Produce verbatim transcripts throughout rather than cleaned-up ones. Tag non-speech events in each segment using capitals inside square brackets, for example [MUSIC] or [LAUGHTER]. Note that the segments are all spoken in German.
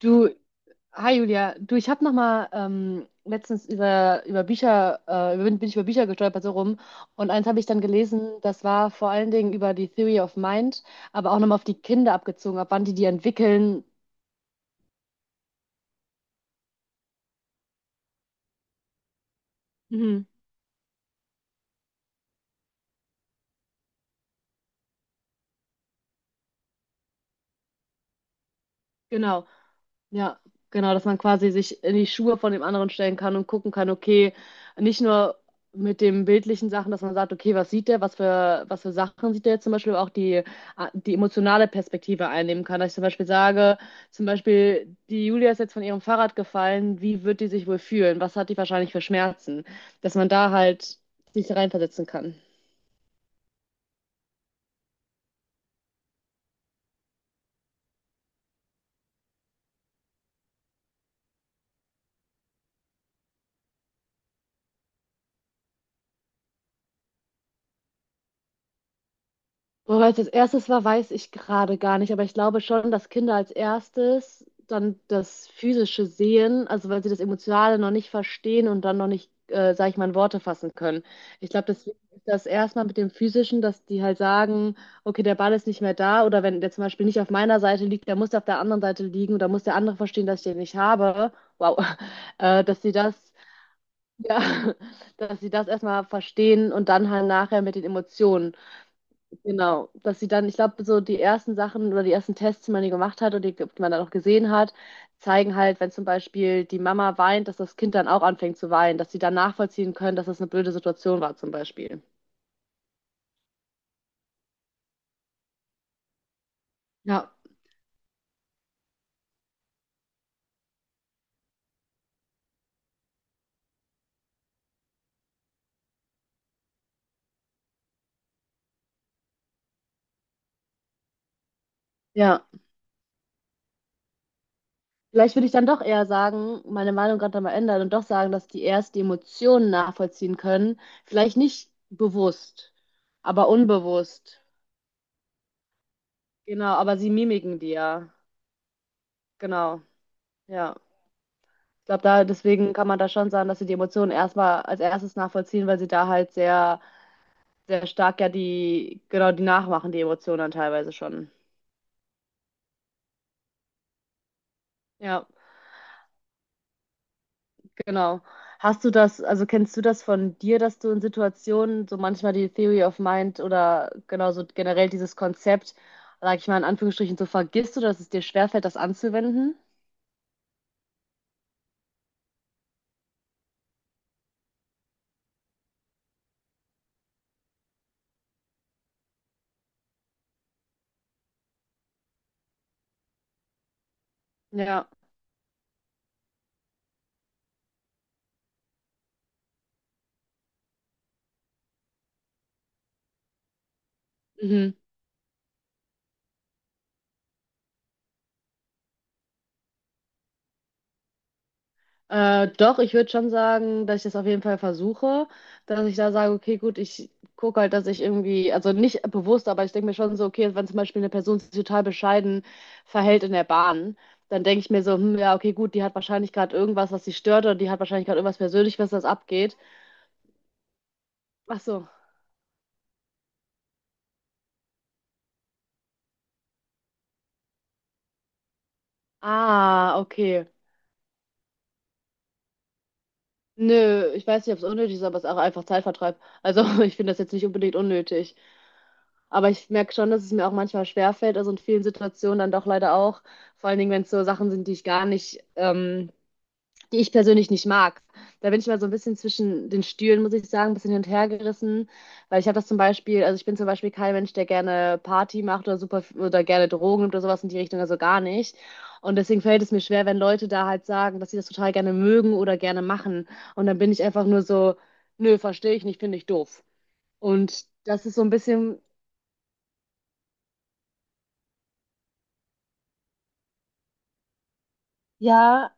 Du, hi Julia, du, ich habe noch mal ähm, letztens über, über Bücher, äh, bin, bin ich über Bücher gestolpert so rum, und eins habe ich dann gelesen. Das war vor allen Dingen über die Theory of Mind, aber auch nochmal auf die Kinder abgezogen, ab wann die die entwickeln. Mhm, genau. Ja, genau, dass man quasi sich in die Schuhe von dem anderen stellen kann und gucken kann, okay, nicht nur mit den bildlichen Sachen, dass man sagt, okay, was sieht der, was für, was für Sachen sieht der jetzt zum Beispiel auch die, ah, die emotionale Perspektive einnehmen kann. Dass ich zum Beispiel sage, zum Beispiel, die Julia ist jetzt von ihrem Fahrrad gefallen, wie wird die sich wohl fühlen? Was hat die wahrscheinlich für Schmerzen? Dass man da halt sich reinversetzen kann. Boah, weil es als erstes war, weiß ich gerade gar nicht, aber ich glaube schon, dass Kinder als erstes dann das Physische sehen, also weil sie das Emotionale noch nicht verstehen und dann noch nicht, äh, sag ich mal, in Worte fassen können. Ich glaube, deswegen ist das erstmal mit dem Physischen, dass die halt sagen, okay, der Ball ist nicht mehr da, oder wenn der zum Beispiel nicht auf meiner Seite liegt, der muss auf der anderen Seite liegen, oder muss der andere verstehen, dass ich den nicht habe. Wow, [LAUGHS] äh, dass sie das, ja, [LAUGHS] dass sie das erstmal verstehen und dann halt nachher mit den Emotionen. Genau, dass sie dann, ich glaube, so die ersten Sachen oder die ersten Tests, die man hier gemacht hat und die, die man dann auch gesehen hat, zeigen halt, wenn zum Beispiel die Mama weint, dass das Kind dann auch anfängt zu weinen, dass sie dann nachvollziehen können, dass das eine blöde Situation war zum Beispiel. Ja, ja, vielleicht würde ich dann doch eher sagen, meine Meinung gerade mal ändern und doch sagen, dass die erst die Emotionen nachvollziehen können. Vielleicht nicht bewusst, aber unbewusst. Genau, aber sie mimiken die ja. Genau, ja. Ich glaube, da deswegen kann man da schon sagen, dass sie die Emotionen erstmal als erstes nachvollziehen, weil sie da halt sehr, sehr stark ja die, genau, die nachmachen, die Emotionen dann teilweise schon. Ja, genau. Hast du das, also kennst du das von dir, dass du in Situationen so manchmal die Theory of Mind oder genau so generell dieses Konzept, sag ich mal in Anführungsstrichen, so vergisst oder dass es dir schwerfällt, das anzuwenden? Ja. Mhm. Äh, doch, ich würde schon sagen, dass ich das auf jeden Fall versuche, dass ich da sage, okay, gut, ich gucke halt, dass ich irgendwie, also nicht bewusst, aber ich denke mir schon so, okay, wenn zum Beispiel eine Person sich total bescheiden verhält in der Bahn, dann denke ich mir so, hm, ja, okay, gut, die hat wahrscheinlich gerade irgendwas, was sie stört, oder die hat wahrscheinlich gerade irgendwas persönlich, was das abgeht. Ach so. Ah, okay. Nö, ich weiß nicht, ob es unnötig ist, aber es ist auch einfach Zeitvertreib. Also [LAUGHS] ich finde das jetzt nicht unbedingt unnötig. Aber ich merke schon, dass es mir auch manchmal schwerfällt, also in vielen Situationen dann doch leider auch, vor allen Dingen, wenn es so Sachen sind, die ich gar nicht, ähm, die ich persönlich nicht mag. Da bin ich mal so ein bisschen zwischen den Stühlen, muss ich sagen, ein bisschen hin und her gerissen, weil ich habe das zum Beispiel, also ich bin zum Beispiel kein Mensch, der gerne Party macht oder super oder gerne Drogen nimmt oder sowas in die Richtung, also gar nicht. Und deswegen fällt es mir schwer, wenn Leute da halt sagen, dass sie das total gerne mögen oder gerne machen. Und dann bin ich einfach nur so, nö, verstehe ich nicht, finde ich doof. Und das ist so ein bisschen. Ja,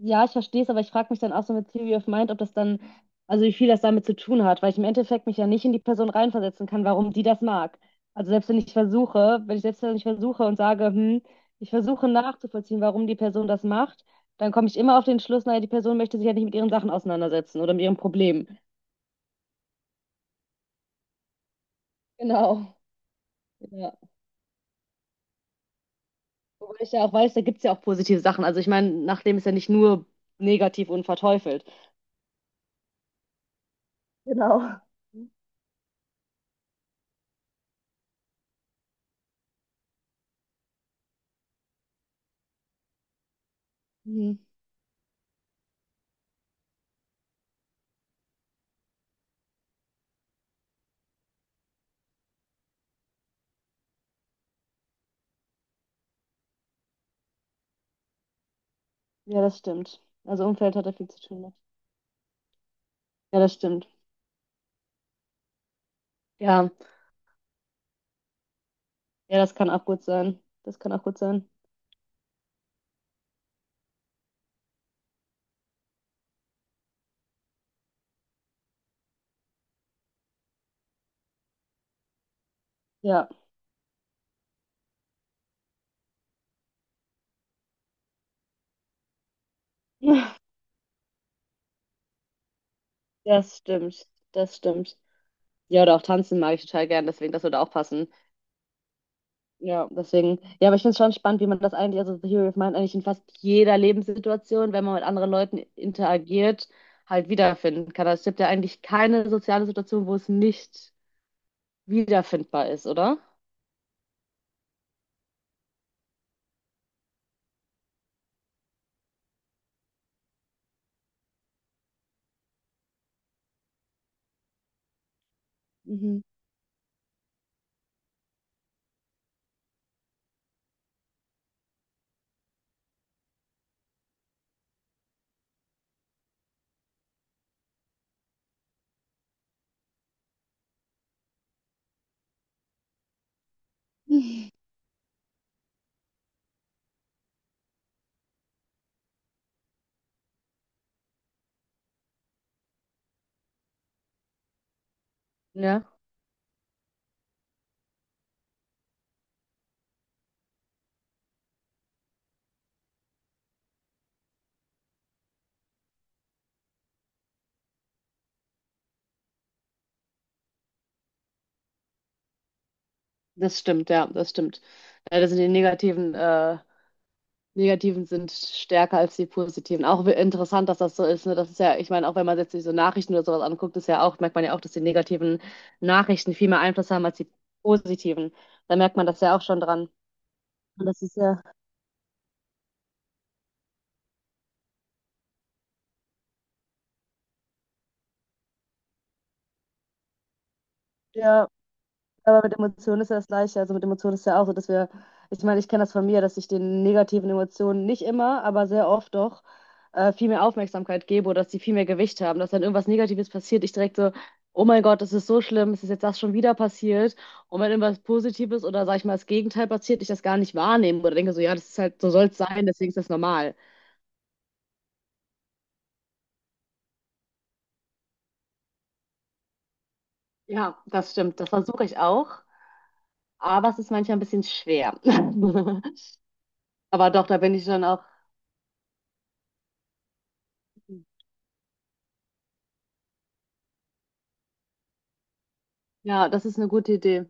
ja, ich verstehe es, aber ich frage mich dann auch so mit Theory of Mind, ob das dann, also wie viel das damit zu tun hat, weil ich im Endeffekt mich ja nicht in die Person reinversetzen kann, warum die das mag. Also selbst wenn ich versuche, wenn ich selbst wenn ich versuche und sage, hm, ich versuche nachzuvollziehen, warum die Person das macht, dann komme ich immer auf den Schluss, naja, die Person möchte sich ja nicht mit ihren Sachen auseinandersetzen oder mit ihrem Problem. Genau. Ja. Wobei ich ja auch weiß, da gibt es ja auch positive Sachen. Also ich meine, Nachleben ist ja nicht nur negativ und verteufelt. Genau. Ja, das stimmt. Also Umfeld hat er viel zu tun mit. Ja, das stimmt. Ja, ja, das kann auch gut sein. Das kann auch gut sein. Ja, [LAUGHS] das stimmt. Das stimmt. Ja, oder auch tanzen mag ich total gern, deswegen, das würde auch passen. Ja, deswegen. Ja, aber ich finde es schon spannend, wie man das eigentlich, also The Hero of Mind eigentlich in fast jeder Lebenssituation, wenn man mit anderen Leuten interagiert, halt wiederfinden kann. Also es gibt ja eigentlich keine soziale Situation, wo es nicht wiederfindbar ist, oder? Mhm. [LAUGHS] Ja. Das stimmt, ja, das stimmt. Leider sind die negativen, äh, negativen sind stärker als die positiven. Auch wi- interessant, dass das so ist. Ne? Das ist ja, ich meine, auch wenn man jetzt sich so Nachrichten oder sowas anguckt, ist ja auch, merkt man ja auch, dass die negativen Nachrichten viel mehr Einfluss haben als die positiven. Da merkt man das ja auch schon dran. Und das ist ja, ja. Aber mit Emotionen ist ja das Gleiche. Also mit Emotionen ist ja auch so, dass wir, ich meine, ich kenne das von mir, dass ich den negativen Emotionen nicht immer, aber sehr oft doch äh, viel mehr Aufmerksamkeit gebe oder dass die viel mehr Gewicht haben, dass dann irgendwas Negatives passiert, ich direkt so, oh mein Gott, das ist so schlimm, es ist jetzt das schon wieder passiert. Und wenn irgendwas Positives oder sag ich mal das Gegenteil passiert, ich das gar nicht wahrnehme oder denke so, ja, das ist halt, so soll es sein, deswegen ist das normal. Ja, das stimmt. Das versuche ich auch. Aber es ist manchmal ein bisschen schwer. [LAUGHS] Aber doch, da bin ich schon auch. Ja, das ist eine gute Idee.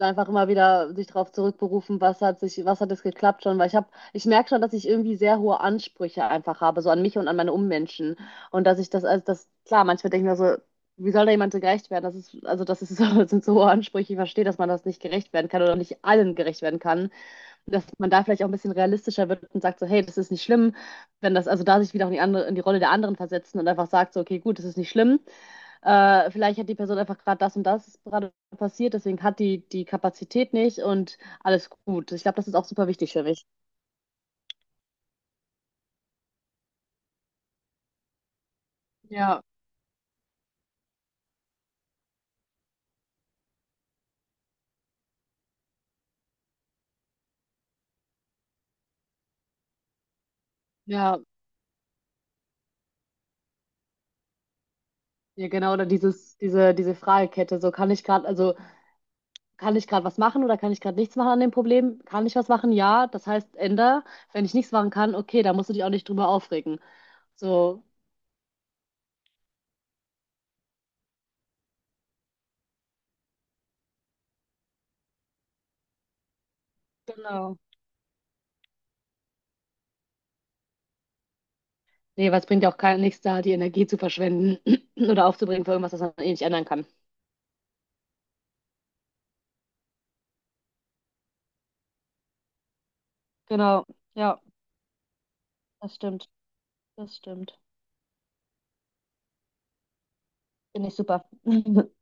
Einfach immer wieder sich darauf zurückberufen, was hat sich, was hat es geklappt schon, weil ich habe, ich merke schon, dass ich irgendwie sehr hohe Ansprüche einfach habe, so an mich und an meine Ummenschen. Und dass ich das, also das, klar, manchmal denke ich mir so, wie soll da jemand so gerecht werden? Das ist, also das ist, [LAUGHS] so, das sind so hohe Ansprüche. Ich verstehe, dass man das nicht gerecht werden kann oder nicht allen gerecht werden kann. Dass man da vielleicht auch ein bisschen realistischer wird und sagt so, hey, das ist nicht schlimm, wenn das, also da sich wieder auch in die andere, in die Rolle der anderen versetzen und einfach sagt so, okay, gut, das ist nicht schlimm. Äh, vielleicht hat die Person einfach gerade das und das gerade passiert, deswegen hat die die Kapazität nicht und alles gut. Ich glaube, das ist auch super wichtig für mich. Ja, ja. Ja, genau, oder dieses, diese, diese Fragekette, so kann ich gerade, also kann ich gerade was machen oder kann ich gerade nichts machen an dem Problem? Kann ich was machen? Ja, das heißt, änder. Wenn ich nichts machen kann, okay, da musst du dich auch nicht drüber aufregen. So, Genau. Nee, weil es bringt ja auch kein, nichts da, die Energie zu verschwenden [CLEARS THROAT] oder aufzubringen für irgendwas, das man eh nicht ändern kann. Genau. Ja, das stimmt. Das stimmt. Finde ich super. [LAUGHS]